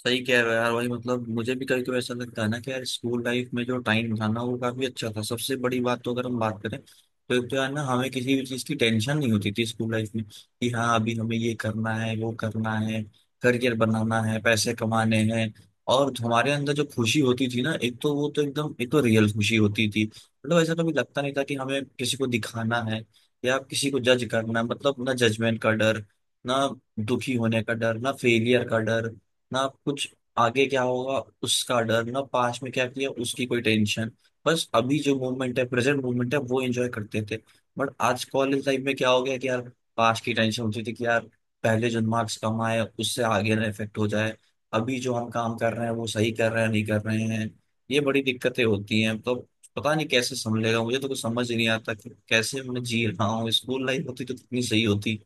सही कह रहे हो यार। वही मतलब मुझे भी कभी कभी ऐसा लगता है ना कि यार स्कूल लाइफ में जो टाइम था ना वो काफी अच्छा था। सबसे बड़ी बात तो अगर हम बात करें तो एक तो यार ना हमें किसी भी चीज की टेंशन नहीं होती थी स्कूल लाइफ में, कि हाँ अभी हमें ये करना है वो करना है, करियर बनाना है पैसे कमाने हैं। और हमारे अंदर जो खुशी होती थी ना, एक तो वो तो एकदम एक तो रियल खुशी होती थी। मतलब ऐसा कभी लगता नहीं था कि हमें किसी को दिखाना है या किसी को जज करना। मतलब ना जजमेंट का डर, ना दुखी होने का डर, ना फेलियर का डर, ना कुछ आगे क्या होगा उसका डर, ना पास्ट में क्या किया उसकी कोई टेंशन। बस अभी जो मोमेंट है प्रेजेंट मोमेंट है वो एंजॉय करते थे। बट आज कॉलेज लाइफ में क्या हो गया, कि यार पास्ट की टेंशन होती थी कि यार पहले जो मार्क्स कम आए उससे आगे ना इफेक्ट हो जाए, अभी जो हम काम कर रहे हैं वो सही कर रहे हैं नहीं कर रहे हैं। ये बड़ी दिक्कतें होती हैं। तो पता नहीं कैसे संभलेगा, मुझे तो कुछ समझ ही नहीं आता कि कैसे मैं जी रहा हूँ। स्कूल लाइफ होती तो कितनी सही होती।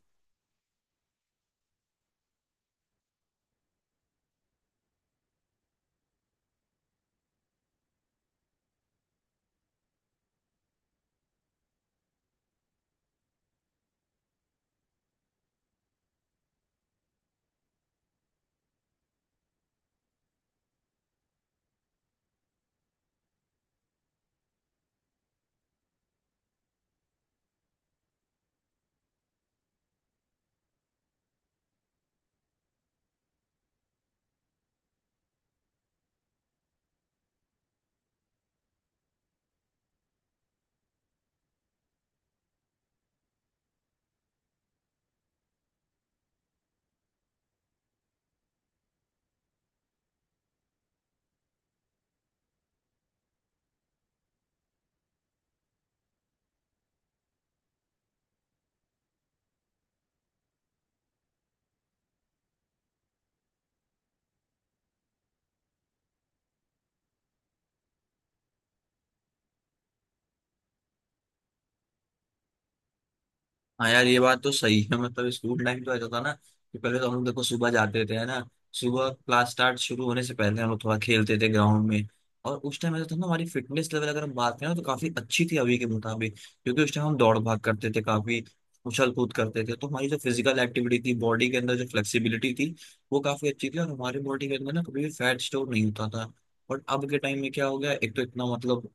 हाँ यार ये बात तो सही है। मतलब स्कूल टाइम तो ऐसा था ना कि पहले तो हम लोग देखो सुबह जाते थे है ना। सुबह क्लास स्टार्ट शुरू होने से पहले हम लोग थोड़ा खेलते थे ग्राउंड में। और उस टाइम ऐसा था ना, हमारी फिटनेस लेवल अगर हम बात करें ना, तो काफी अच्छी थी अभी के मुताबिक। क्योंकि उस टाइम हम दौड़ भाग करते थे काफी, उछल कूद करते थे, तो हमारी जो फिजिकल एक्टिविटी थी बॉडी के अंदर, जो फ्लेक्सिबिलिटी थी वो काफी अच्छी थी। और हमारी बॉडी के अंदर ना कभी भी फैट स्टोर नहीं होता था। बट अब के टाइम में क्या हो गया, एक तो इतना मतलब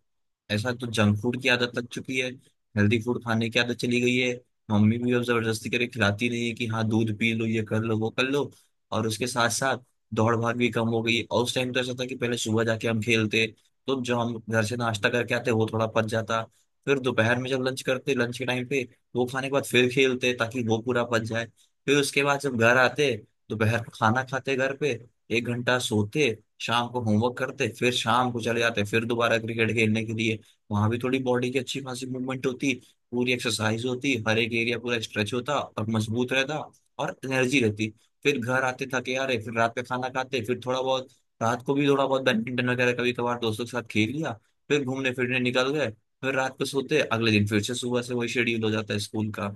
ऐसा तो जंक फूड की आदत लग चुकी है, हेल्दी फूड खाने की आदत चली गई है। मम्मी भी अब जबरदस्ती करके खिलाती नहीं है कि हाँ दूध पी लो ये कर लो वो कर लो। और उसके साथ साथ दौड़ भाग भी कम हो गई है। और उस टाइम तो ऐसा था कि पहले सुबह जाके हम खेलते, तो जो हम घर से नाश्ता करके आते वो थोड़ा पच जाता। फिर दोपहर में जब लंच करते लंच के टाइम पे वो खाने के बाद फिर खेलते ताकि वो पूरा पच जाए। फिर उसके बाद जब घर आते दोपहर का खाना खाते घर पे, एक घंटा सोते, शाम को होमवर्क करते, फिर शाम को चले जाते फिर दोबारा क्रिकेट खेलने के लिए। वहां भी थोड़ी बॉडी की अच्छी खासी मूवमेंट होती, पूरी एक्सरसाइज होती, हर एक एरिया पूरा स्ट्रेच होता और मजबूत रहता और एनर्जी रहती। फिर घर आते थके, आ रहे फिर रात का खाना खाते, फिर थोड़ा बहुत रात को भी थोड़ा बहुत बैडमिंटन वगैरह कभी कभार दोस्तों के साथ खेल लिया, फिर घूमने फिरने निकल गए, फिर रात को सोते। अगले दिन फिर से सुबह से वही शेड्यूल हो जाता है स्कूल का।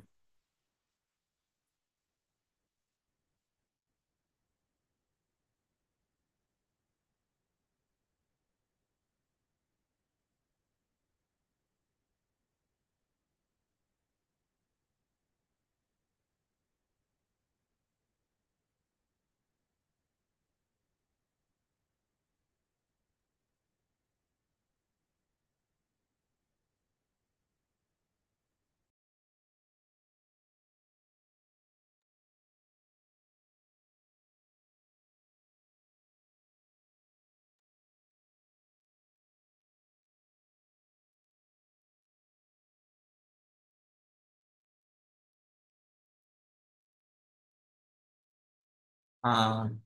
हाँ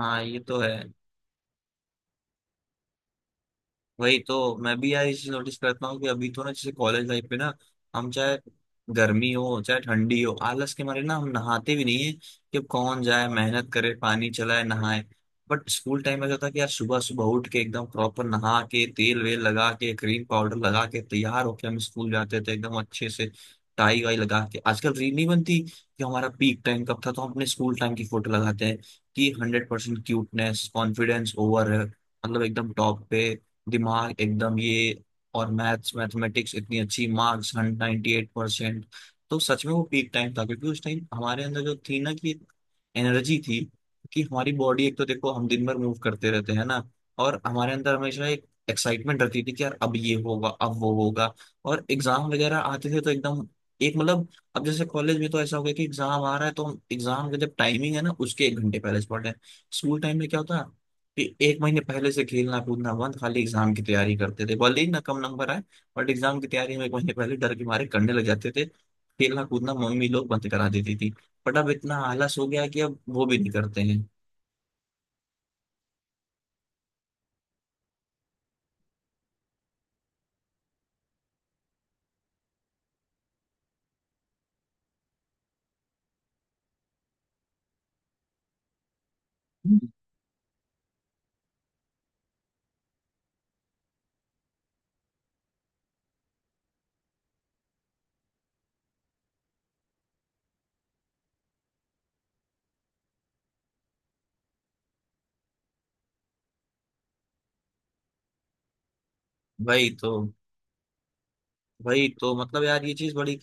हाँ, ये तो है। वही तो मैं भी यार ये चीज नोटिस करता हूँ कि अभी तो ना, जैसे कॉलेज लाइफ पे ना, हम चाहे गर्मी हो चाहे ठंडी हो आलस के मारे ना हम नहाते भी नहीं है, कि अब कौन जाए मेहनत करे पानी चलाए नहाए। बट स्कूल टाइम में ऐसा था कि यार सुबह सुबह उठ के एकदम प्रॉपर नहा के तेल वेल लगा के क्रीम पाउडर लगा के तैयार होके हम स्कूल जाते थे एकदम अच्छे से, टाई वाई लगा के। आजकल रील नहीं बनती कि हमारा पीक टाइम कब था, तो हम अपने स्कूल टाइम की फोटो लगाते हैं, कि 100% क्यूटनेस कॉन्फिडेंस ओवर है, मतलब एकदम टॉप पे, दिमाग एकदम ये, और मैथ्स मैथमेटिक्स इतनी अच्छी, मार्क्स 98%। तो सच में वो पीक टाइम था। क्योंकि उस टाइम हमारे अंदर जो थी ना कि एनर्जी थी, कि हमारी बॉडी, एक तो देखो हम दिन भर मूव करते रहते हैं ना, और हमारे अंदर हमेशा एक एक्साइटमेंट रहती थी कि यार अब ये होगा अब वो होगा। और एग्जाम वगैरह आते थे तो एकदम एक मतलब, अब जैसे कॉलेज में तो ऐसा हो गया कि एग्जाम आ रहा है तो हम एग्जाम का जब टाइमिंग है ना उसके एक घंटे पहले से पढ़ रहे हैं। स्कूल टाइम में क्या होता, कि एक महीने पहले से खेलना कूदना बंद, खाली एग्जाम की तैयारी करते थे, भले ही ना कम नंबर आए, बट एग्जाम की तैयारी हम एक महीने पहले डर के मारे करने लग जाते थे, खेलना कूदना मम्मी लोग बंद करा देती थी। बट अब इतना आलस हो गया है कि अब वो भी नहीं करते हैं। हम्म। वही तो वही तो मतलब यार ये चीज बड़ी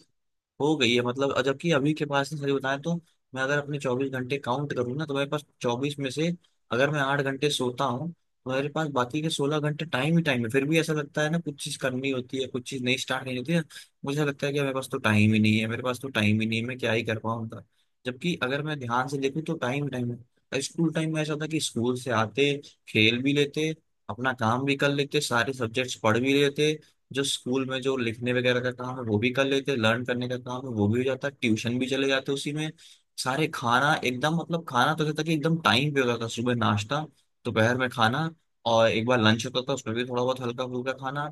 हो गई है, मतलब। और जबकि अभी के पास सही बताएं तो, मैं अगर अपने 24 घंटे काउंट करूँ ना, तो मेरे पास 24 में से अगर मैं 8 घंटे सोता हूँ तो मेरे पास बाकी के 16 घंटे टाइम ही टाइम है। फिर भी ऐसा लगता है ना, कुछ चीज करनी होती है, कुछ चीज नहीं स्टार्ट नहीं होती है। मुझे लगता है कि मेरे पास तो टाइम ही नहीं है, मेरे पास तो टाइम ही नहीं है, मैं क्या ही कर पाऊंगा। जबकि अगर मैं ध्यान से देखूँ तो टाइम टाइम है। स्कूल टाइम में ऐसा था कि स्कूल से आते, खेल भी लेते, अपना काम भी कर लेते, सारे सब्जेक्ट्स पढ़ भी लेते, जो स्कूल में जो लिखने वगैरह का काम है वो भी कर लेते हैं, लर्न करने का काम है वो भी हो जाता है, ट्यूशन भी चले जाते हैं उसी में। सारे खाना एकदम, मतलब खाना तो जैसे कि एकदम टाइम पे होता था, सुबह नाश्ता, दोपहर में खाना, और एक बार लंच होता था उसमें भी थोड़ा बहुत हल्का फुल्का खाना।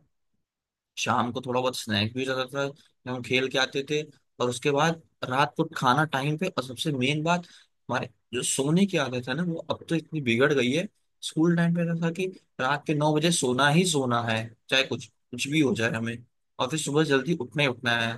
शाम को थोड़ा बहुत स्नैक भी रहता था जब हम खेल के आते थे। और उसके बाद रात को खाना टाइम पे। और सबसे मेन बात, हमारे जो सोने की आदत है ना वो अब तो इतनी बिगड़ गई है। स्कूल टाइम पे रहता था कि रात के 9 बजे सोना ही सोना है, चाहे कुछ कुछ भी हो जाए हमें, और फिर सुबह जल्दी उठना ही उठना है।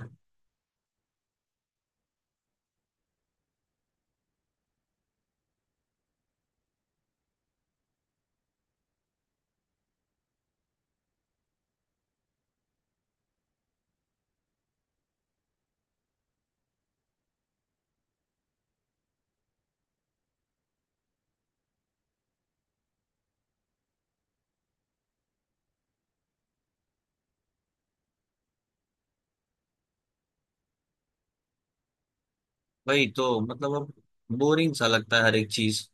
वही तो मतलब, अब बोरिंग सा लगता है हर एक चीज।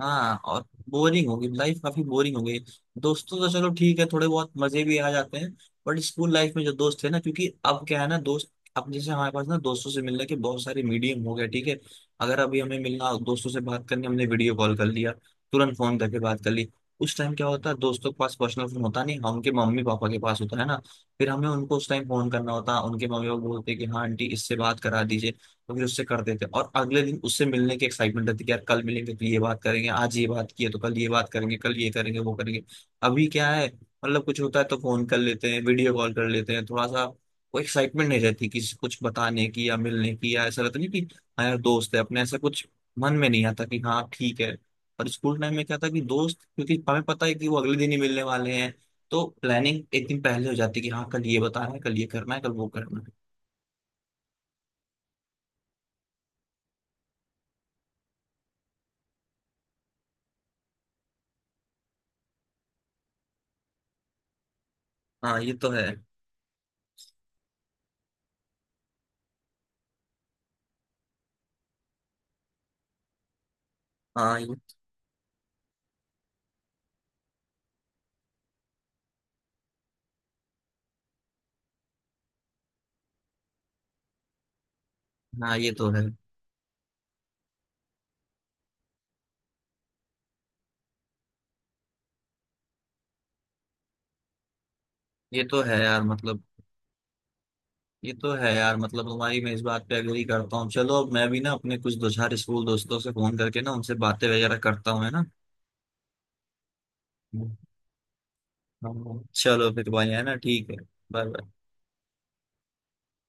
हाँ, और बोरिंग होगी लाइफ, काफी बोरिंग हो गई। दोस्तों तो चलो ठीक है थोड़े बहुत मजे भी आ जाते हैं। बट स्कूल लाइफ में जो दोस्त थे ना, क्योंकि अब क्या है ना दोस्त, अब जैसे हमारे पास ना दोस्तों से मिलने के बहुत सारे मीडियम हो गए, ठीक है। अगर अभी हमें मिलना दोस्तों से बात करनी, हमने वीडियो कॉल कर लिया, तुरंत फोन करके बात कर ली। उस टाइम क्या होता है, दोस्तों के पास पर्सनल फोन होता नहीं, हाँ, उनके मम्मी पापा के पास होता है ना। फिर हमें उनको उस टाइम फोन करना होता, उनके मम्मी पापा बोलते कि हाँ आंटी इससे बात करा दीजिए, तो फिर उससे कर देते हैं। और अगले दिन उससे मिलने की एक्साइटमेंट रहती है कि यार कल मिलेंगे तो ये बात करेंगे, आज ये बात की है तो कल ये बात करेंगे, कल ये करेंगे वो करेंगे। अभी क्या है, मतलब कुछ होता है तो फोन कर लेते हैं, वीडियो कॉल कर लेते हैं थोड़ा सा। वो एक्साइटमेंट नहीं रहती किसी कुछ बताने की या मिलने की, या ऐसा रहता नहीं कि हाँ यार दोस्त है अपने, ऐसा कुछ मन में नहीं आता, कि हाँ ठीक है। और स्कूल टाइम में क्या था कि दोस्त, क्योंकि हमें पता है कि वो अगले दिन ही मिलने वाले हैं, तो प्लानिंग एक दिन पहले हो जाती है, कि हाँ कल ये बताना है कल ये करना है कल वो करना है। हाँ ये तो है। हाँ हाँ, ये तो है। ये तो है यार मतलब। ये तो है यार मतलब, तुम्हारी मैं इस बात पे एग्री करता हूँ। चलो, अब मैं भी ना अपने कुछ दो चार स्कूल दोस्तों से फोन करके ना उनसे बातें वगैरह करता हूँ, है ना। हाँ, हाँ, हाँ। चलो फिर भाई, है ना, ठीक है। Bye bye.